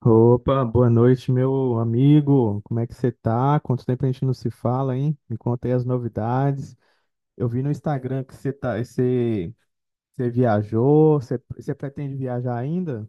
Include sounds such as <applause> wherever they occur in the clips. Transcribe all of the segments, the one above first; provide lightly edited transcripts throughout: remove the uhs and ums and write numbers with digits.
Opa, boa noite, meu amigo. Como é que você tá? Quanto tempo a gente não se fala, hein? Me conta aí as novidades. Eu vi no Instagram que você tá, você, você viajou, você, você pretende viajar ainda?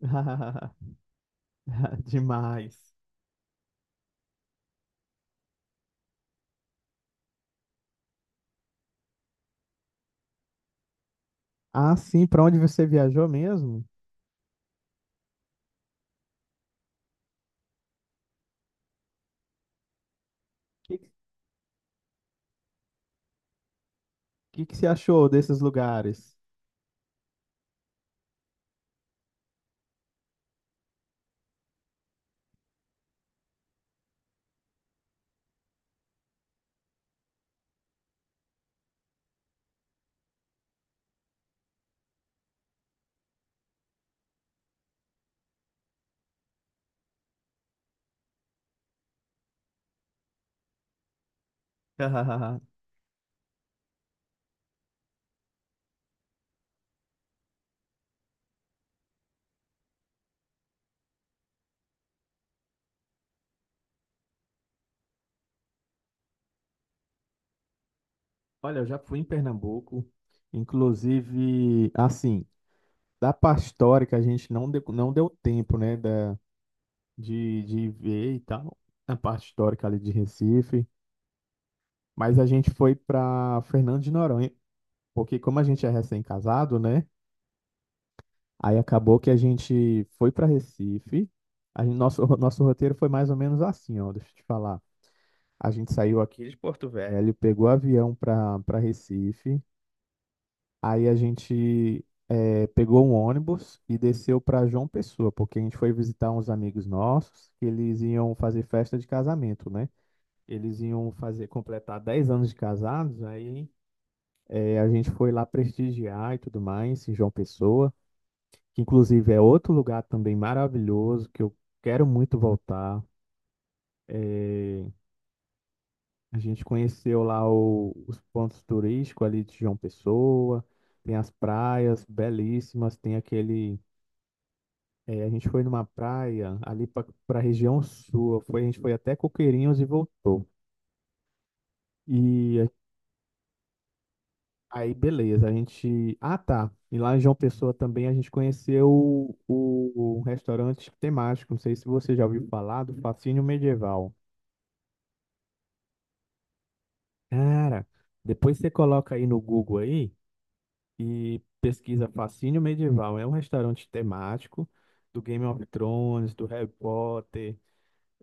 <laughs> Demais. Ah, sim, pra onde você viajou mesmo? O que, que você achou desses lugares? <laughs> Olha, eu já fui em Pernambuco, inclusive, assim, da parte histórica a gente não deu tempo, né? De ver e tal, a parte histórica ali de Recife. Mas a gente foi para Fernando de Noronha, porque como a gente é recém-casado, né? Aí acabou que a gente foi para Recife. A gente, nosso, <laughs> nosso roteiro foi mais ou menos assim, ó, deixa eu te falar. A gente saiu aqui de Porto Velho, pegou avião para Recife. Aí a gente pegou um ônibus e desceu para João Pessoa, porque a gente foi visitar uns amigos nossos que eles iam fazer festa de casamento, né? Eles iam fazer, completar 10 anos de casados, aí a gente foi lá prestigiar e tudo mais, em João Pessoa, que inclusive é outro lugar também maravilhoso, que eu quero muito voltar. Eh, a gente conheceu lá os pontos turísticos ali de João Pessoa, tem as praias belíssimas, tem aquele. A gente foi numa praia ali para a região sul, foi, a gente foi até Coqueirinhos e voltou. E aí, beleza, a gente. Ah, tá. E lá em João Pessoa também a gente conheceu o restaurante temático. Não sei se você já ouviu falar do Fascínio Medieval. Cara, depois você coloca aí no Google aí e pesquisa Fascínio Medieval. É um restaurante temático do Game of Thrones, do Harry Potter,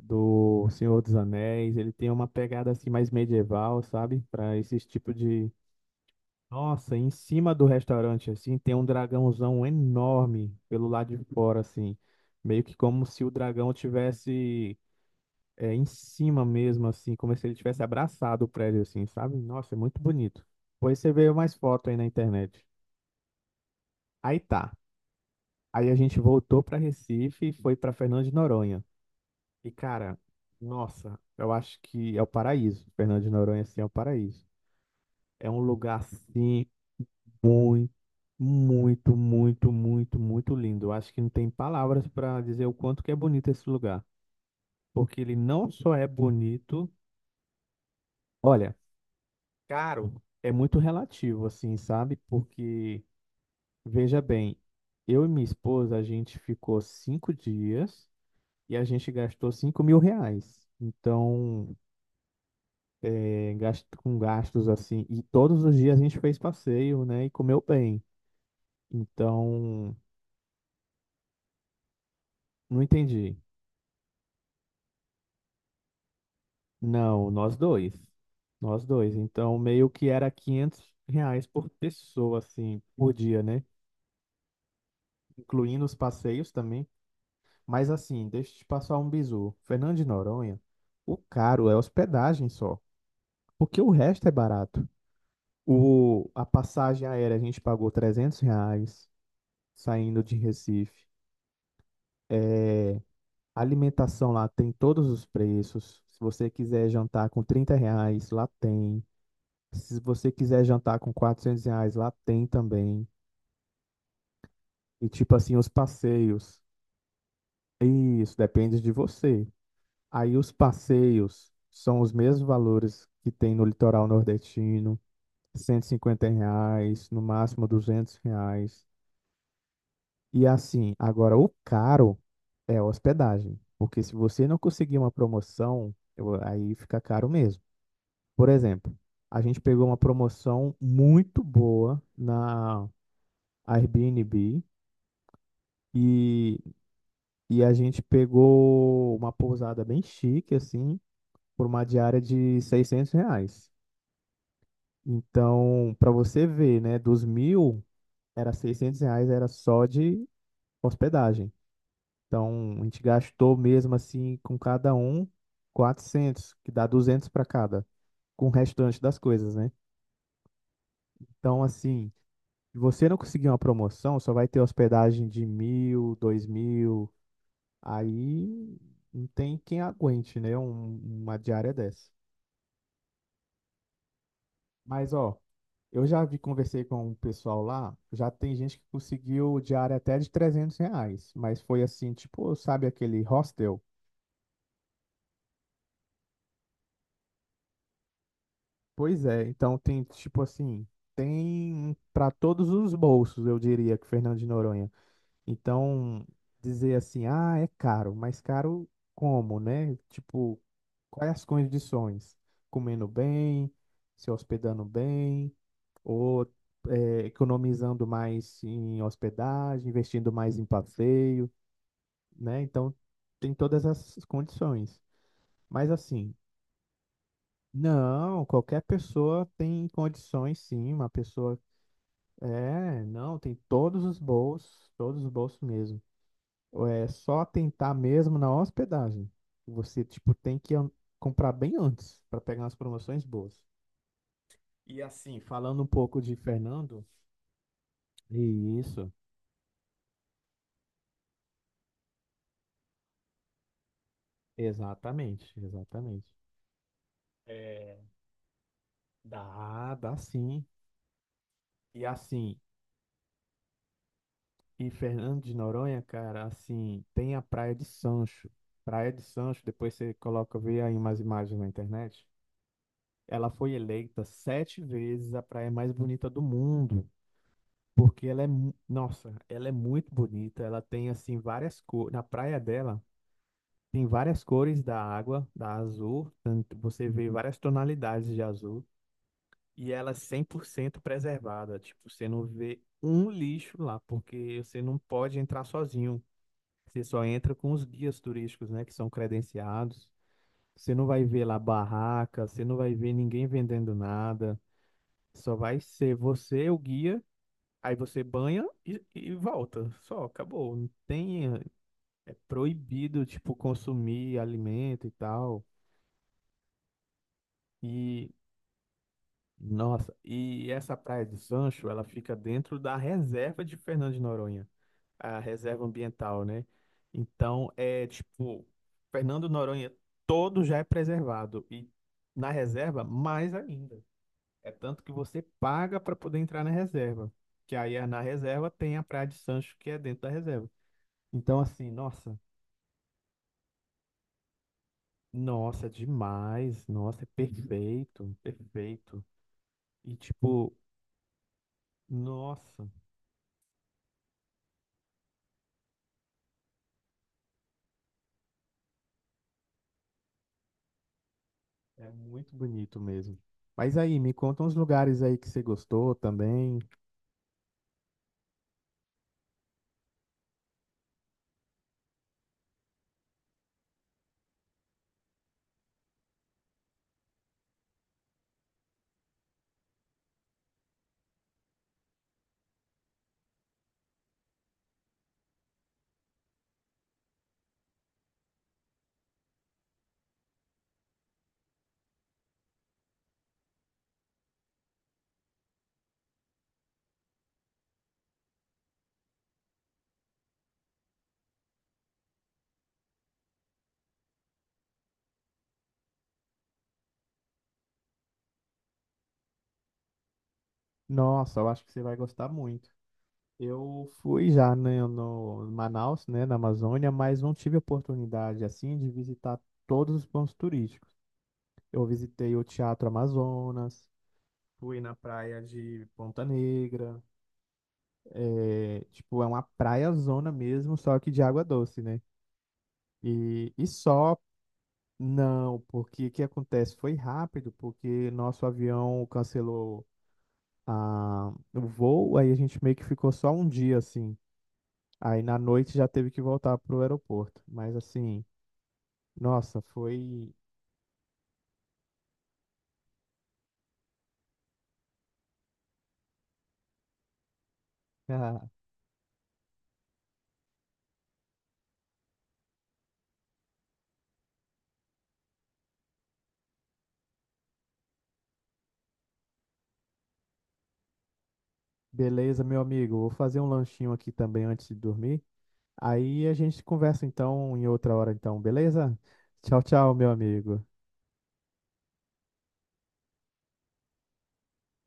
do Senhor dos Anéis. Ele tem uma pegada assim mais medieval, sabe? Para esse tipo de Nossa, em cima do restaurante, assim, tem um dragãozão enorme pelo lado de fora, assim. Meio que como se o dragão tivesse é, em cima mesmo, assim, como se ele tivesse abraçado o prédio, assim, sabe? Nossa, é muito bonito. Depois você vê mais foto aí na internet. Aí tá. Aí a gente voltou pra Recife e foi pra Fernando de Noronha. E, cara, nossa, eu acho que é o paraíso. Fernando de Noronha, assim, é o paraíso. É um lugar assim muito, muito, muito, muito, muito lindo. Eu acho que não tem palavras para dizer o quanto que é bonito esse lugar, porque ele não só é bonito, olha, caro é muito relativo, assim, sabe? Porque veja bem, eu e minha esposa a gente ficou 5 dias e a gente gastou R$ 5.000. Então, com gastos assim, e todos os dias a gente fez passeio, né? E comeu bem. Então, não entendi. Não, nós dois. Nós dois. Então, meio que era R$ 500 por pessoa, assim, por dia, né? Incluindo os passeios também. Mas, assim, deixa eu te passar um bizu. Fernando de Noronha, o caro é hospedagem só, porque o resto é barato. O, a passagem aérea a gente pagou R$ 300 saindo de Recife. A alimentação lá tem todos os preços. Se você quiser jantar com R$ 30, lá tem. Se você quiser jantar com R$ 400, lá tem também. E tipo assim, os passeios. Isso, depende de você. Aí os passeios são os mesmos valores que tem no litoral nordestino, R$ 150, no máximo R$ 200. E assim, agora o caro é a hospedagem. Porque se você não conseguir uma promoção, aí fica caro mesmo. Por exemplo, a gente pegou uma promoção muito boa na Airbnb. E, e a gente pegou uma pousada bem chique, assim, por uma diária de R$ 600. Então, para você ver, né, dos 1.000, era R$ 600, era só de hospedagem. Então, a gente gastou mesmo assim, com cada um, 400 que dá 200 para cada, com o restante das coisas, né? Então, assim, se você não conseguir uma promoção, só vai ter hospedagem de 1.000, 2.000. Aí não tem quem aguente, né? Uma diária dessa. Mas, ó, eu já vi, conversei com o pessoal lá, já tem gente que conseguiu diária até de R$ 300. Mas foi assim, tipo, sabe aquele hostel? Pois é, então tem, tipo assim, tem para todos os bolsos, eu diria, que Fernando de Noronha. Então, dizer assim, ah, é caro, mas caro como, né? Tipo, quais as condições? Comendo bem, se hospedando bem, ou economizando mais em hospedagem, investindo mais em passeio, né? Então, tem todas as condições. Mas assim, não, qualquer pessoa tem condições, sim, uma pessoa. É, não, tem todos os bolsos mesmo. É só tentar mesmo na hospedagem. Você, tipo, tem que comprar bem antes para pegar umas promoções boas. E assim, falando um pouco de Fernando, e isso, exatamente, exatamente. É, dá, dá sim. E assim, e Fernando de Noronha, cara, assim, tem a Praia de Sancho. Praia de Sancho, depois você coloca, vê aí umas imagens na internet. Ela foi eleita sete vezes a praia mais bonita do mundo. Porque ela é, nossa, ela é muito bonita. Ela tem assim várias cores. Na praia dela tem várias cores da água, da azul. Você vê várias tonalidades de azul. E ela é 100% preservada. Tipo, você não vê um lixo lá, porque você não pode entrar sozinho. Você só entra com os guias turísticos, né, que são credenciados. Você não vai ver lá barraca, você não vai ver ninguém vendendo nada. Só vai ser você, o guia. Aí você banha e volta. Só, acabou. Não tem, é proibido, tipo, consumir alimento e tal. E, nossa, e essa Praia de Sancho, ela fica dentro da reserva de Fernando de Noronha, a reserva ambiental, né? Então, é tipo, Fernando de Noronha todo já é preservado. E na reserva, mais ainda. É tanto que você paga para poder entrar na reserva. Que aí é na reserva tem a Praia de Sancho, que é dentro da reserva. Então, assim, nossa, nossa, é demais, nossa, é perfeito, perfeito. E, tipo, nossa, é muito bonito mesmo. Mas aí, me conta uns lugares aí que você gostou também. Nossa, eu acho que você vai gostar muito. Eu fui já né, no Manaus, né, na Amazônia, mas não tive oportunidade, assim, de visitar todos os pontos turísticos. Eu visitei o Teatro Amazonas, fui na praia de Ponta Negra. É, tipo, é uma praia zona mesmo, só que de água doce, né? E só não, porque o que acontece? Foi rápido, porque nosso avião cancelou o voo, aí a gente meio que ficou só um dia assim. Aí na noite já teve que voltar pro aeroporto. Mas assim, nossa, foi. Ah, beleza, meu amigo, vou fazer um lanchinho aqui também antes de dormir. Aí a gente conversa então em outra hora, então, beleza? Tchau, tchau, meu amigo.